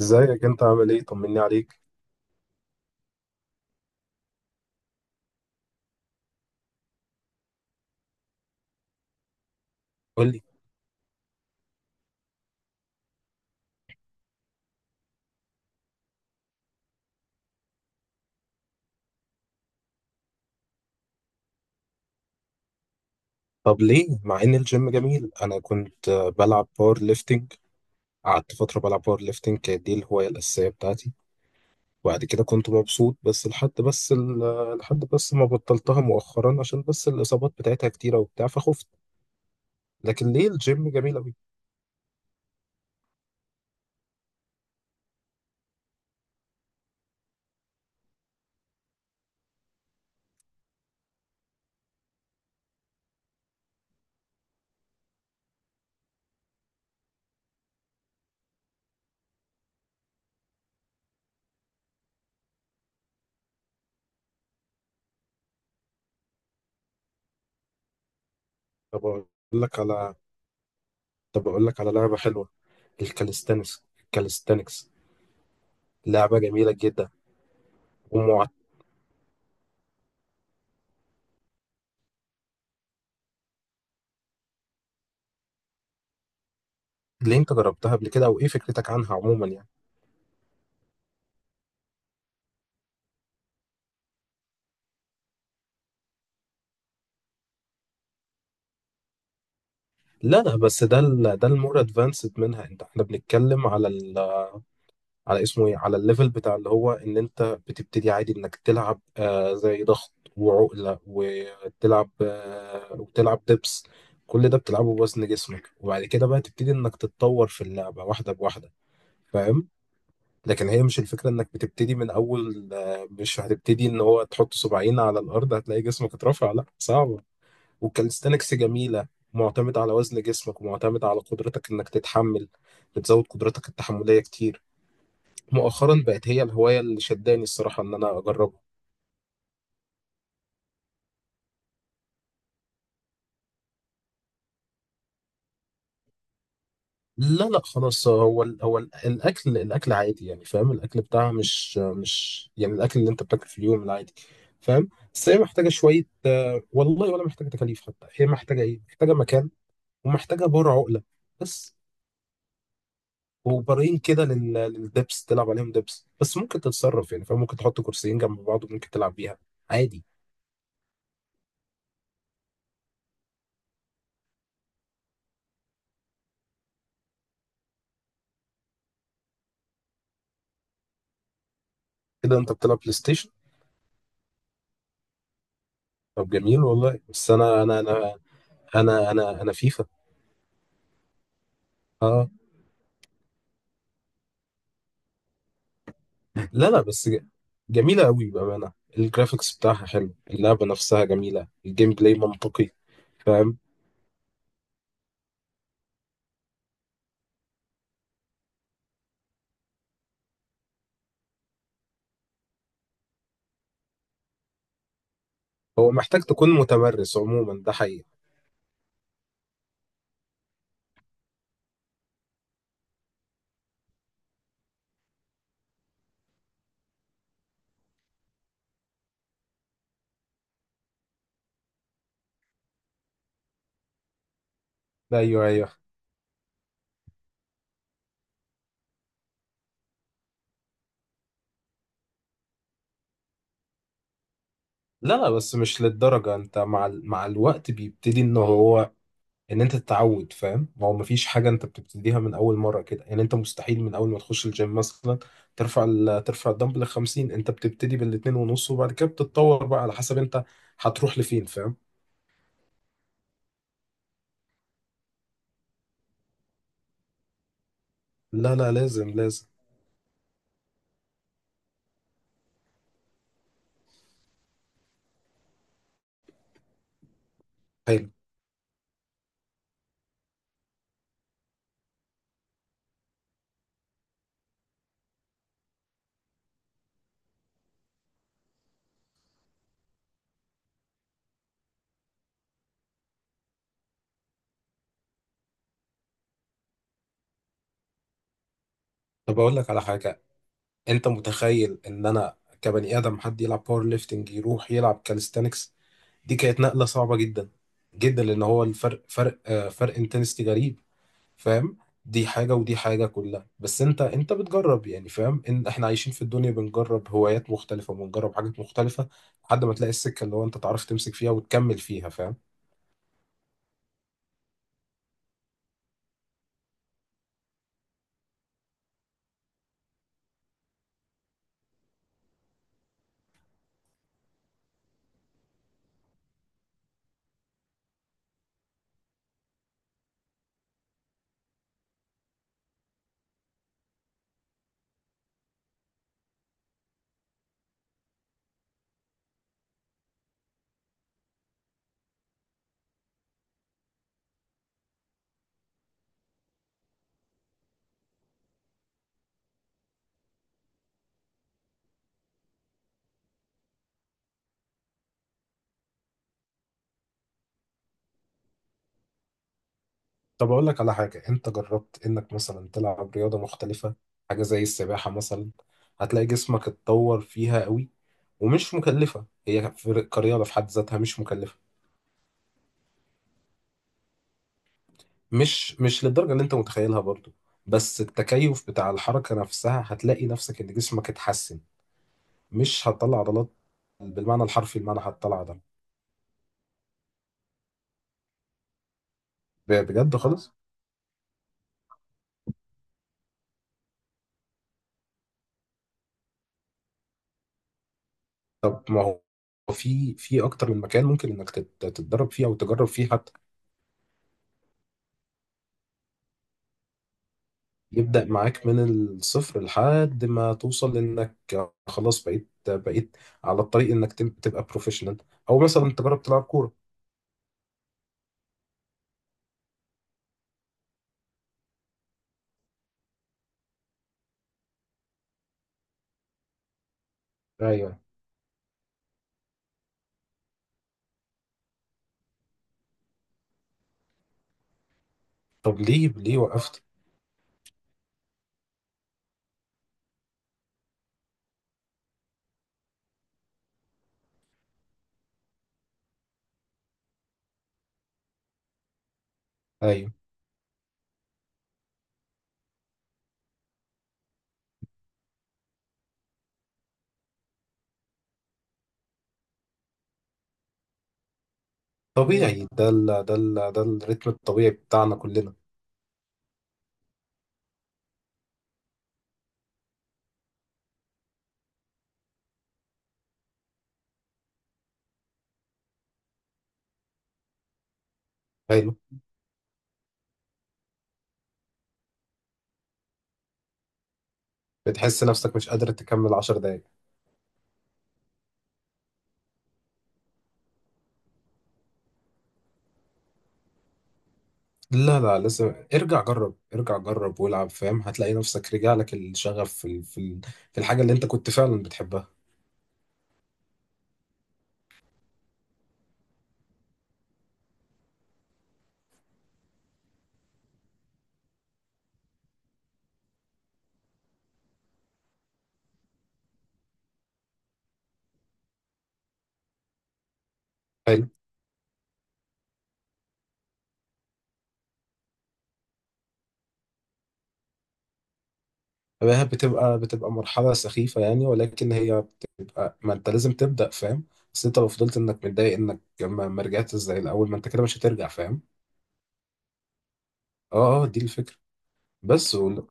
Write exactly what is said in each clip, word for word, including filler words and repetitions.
ازيك؟ انت عامل ايه؟ طمني عليك. قول لي. طب ليه؟ مع ان الجيم جميل، انا كنت آه، بلعب باور ليفتنج. قعدت فتره بلعب باور ليفتنج، كانت دي الهوايه الاساسيه بتاعتي. وبعد كده كنت مبسوط، بس لحد بس ال- آه، لحد بس ما بطلتها مؤخرا عشان بس الاصابات بتاعتها كتيره وبتاع فخفت. لكن ليه الجيم جميل قوي؟ طب اقول لك على طب اقول لك على لعبه حلوه. الكاليستانكس الكاليستانكس لعبه جميله جدا. ومعت... ليه؟ انت جربتها قبل كده؟ او ايه فكرتك عنها عموما يعني؟ لا، لا، بس ده ال ده المور ادفانسد منها. انت احنا بنتكلم على ال على اسمه ايه، على الليفل بتاع اللي هو ان انت بتبتدي عادي انك تلعب آه زي ضغط وعقله، وتلعب آه وتلعب دبس. كل ده بتلعبه بوزن جسمك، وبعد كده بقى تبتدي انك تتطور في اللعبه واحده بواحده. فاهم؟ لكن هي مش الفكره انك بتبتدي من اول، آه، مش هتبتدي ان هو تحط صباعين على الارض هتلاقي جسمك اترفع. لا، صعب. والكاليستانكس جميلة، معتمد على وزن جسمك ومعتمد على قدرتك انك تتحمل. بتزود قدرتك التحملية كتير. مؤخرا بقت هي الهواية اللي شداني الصراحة ان انا اجربها. لا، لا، خلاص، هو ال هو ال الاكل الاكل عادي يعني. فاهم؟ الاكل بتاعها مش مش يعني الاكل اللي انت بتاكله في اليوم العادي. فاهم؟ بس هي محتاجة شوية، آه، والله ولا محتاجة تكاليف حتى، هي محتاجة ايه؟ محتاجة مكان، ومحتاجة بار عقلة بس. وبارين كده لل- للدبس تلعب عليهم دبس، بس ممكن تتصرف يعني، فممكن تحط كرسيين جنب بعض وممكن تلعب بيها عادي. كده انت بتلعب بلاي ستيشن؟ طب جميل والله، بس انا انا انا انا انا انا فيفا. اه. لا، لا، بس ج- جميلة قوي بأمانة. الجرافيكس بتاعها حلو، اللعبة نفسها جميلة، الجيم بلاي منطقي. فاهم؟ هو محتاج تكون متمرس عموما، ده حقيقي. ايوه، ايوه. لا، لا، بس مش للدرجة. انت مع ال... مع الوقت بيبتدي ان هو ان انت تتعود. فاهم؟ ما هو مفيش حاجه انت بتبتديها من اول مره كده يعني. انت مستحيل من اول ما تخش الجيم مثلا ترفع ال... ترفع الدمبل ل خمسين، انت بتبتدي بالاتنين ونص، وبعد كده بتتطور بقى على حسب انت هتروح لفين. فاهم؟ لا، لا، لازم، لازم. حلو. طب اقول لك على حاجه. انت متخيل ان انا كبني ادم حد يلعب باور ليفتنج يروح يلعب كاليستانكس؟ دي كانت نقله صعبه جدا جدا، لان هو الفرق فرق آه، فرق انتنستي غريب. فاهم؟ دي حاجة ودي حاجة كلها، بس انت انت بتجرب يعني. فاهم؟ ان احنا عايشين في الدنيا بنجرب هوايات مختلفة وبنجرب حاجات مختلفة. لحد ما تلاقي السكة اللي هو انت تعرف تمسك فيها وتكمل فيها. فاهم؟ طب اقول لك على حاجة. انت جربت انك مثلا تلعب رياضة مختلفة؟ حاجة زي السباحة مثلا. هتلاقي جسمك اتطور فيها قوي، ومش مكلفة هي في- كرياضة في حد ذاتها. مش مكلفة. مش مش للدرجة اللي انت متخيلها برضو. بس التكيف بتاع الحركة نفسها هتلاقي نفسك ان جسمك اتحسن. مش هتطلع عضلات بالمعنى الحرفي المعنى. هتطلع عضلات ب- بجد خالص. طب ما هو في في اكتر من مكان ممكن انك تت- تتدرب فيه او تجرب فيه حتى. يبدأ معاك من الصفر لحد ما توصل انك خلاص بقيت بقيت على الطريق انك تب- تبقى بروفيشنال. او مثلا تجرب تلعب كورة. ايوه. طب ليه ليه وقفت؟ ايوه، طبيعي. ده ال ده ال ده الريتم الطبيعي بتاعنا كلنا. ايوه. بتحس نفسك مش قادر تكمل 10 دقايق. لا، لا، لسه ارجع جرب، ارجع جرب والعب. فاهم؟ هتلاقي نفسك رجع لك الشغف في ال- في ال- في الحاجة اللي انت كنت فعلا بتحبها. حلو. فهي بتبقى بتبقى مرحلة سخيفة يعني، ولكن هي بتبقى. ما انت لازم تبدأ. فاهم؟ بس انت لو فضلت انك متضايق انك ما ما رجعتش زي الاول ما انت كده، مش هترجع. فاهم؟ اه، اه، دي الفكرة. بس وال-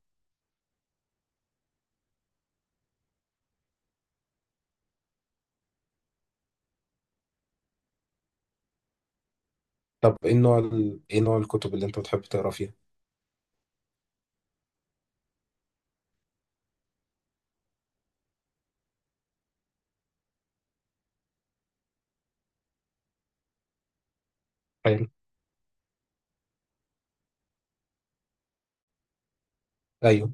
طب ايه نوع ال... ايه نوع الكتب اللي انت بتحب تقرا فيها؟ حلو. ايوه.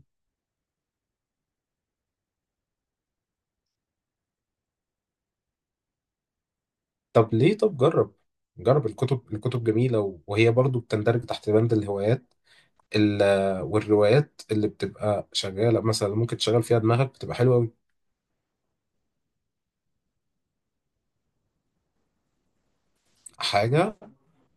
طب ليه طب جرب، جرب الكتب. الكتب جميلة، وهي برضو بتندرج تحت بند الهوايات. ال- والروايات اللي بتبقى شغاله مثلا ممكن تشغل فيها دماغك، بتبقى حلوه قوي. حاجه.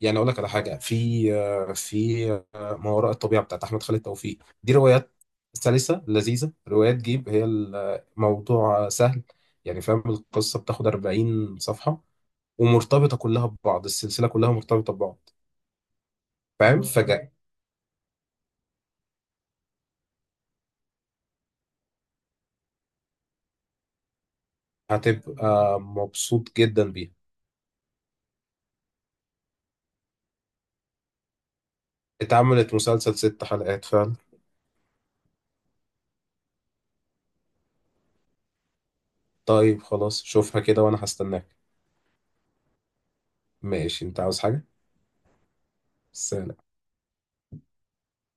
يعني اقول لك على حاجه، في آه، في آه، ما وراء الطبيعه بتاعت احمد خالد توفيق. دي روايات سلسه لذيذه، روايات جيب. هي الموضوع سهل يعني. فاهم؟ القصه بتاخد 40 صفحه، ومرتبطه كلها ببعض، السلسله كلها مرتبطه ببعض. فاهم؟ فجأة هتبقى مبسوط جدا بيها. اتعملت مسلسل ست حلقات فعلا. طيب، خلاص، شوفها كده وانا هستناك. ماشي. انت عاوز حاجة؟ بس.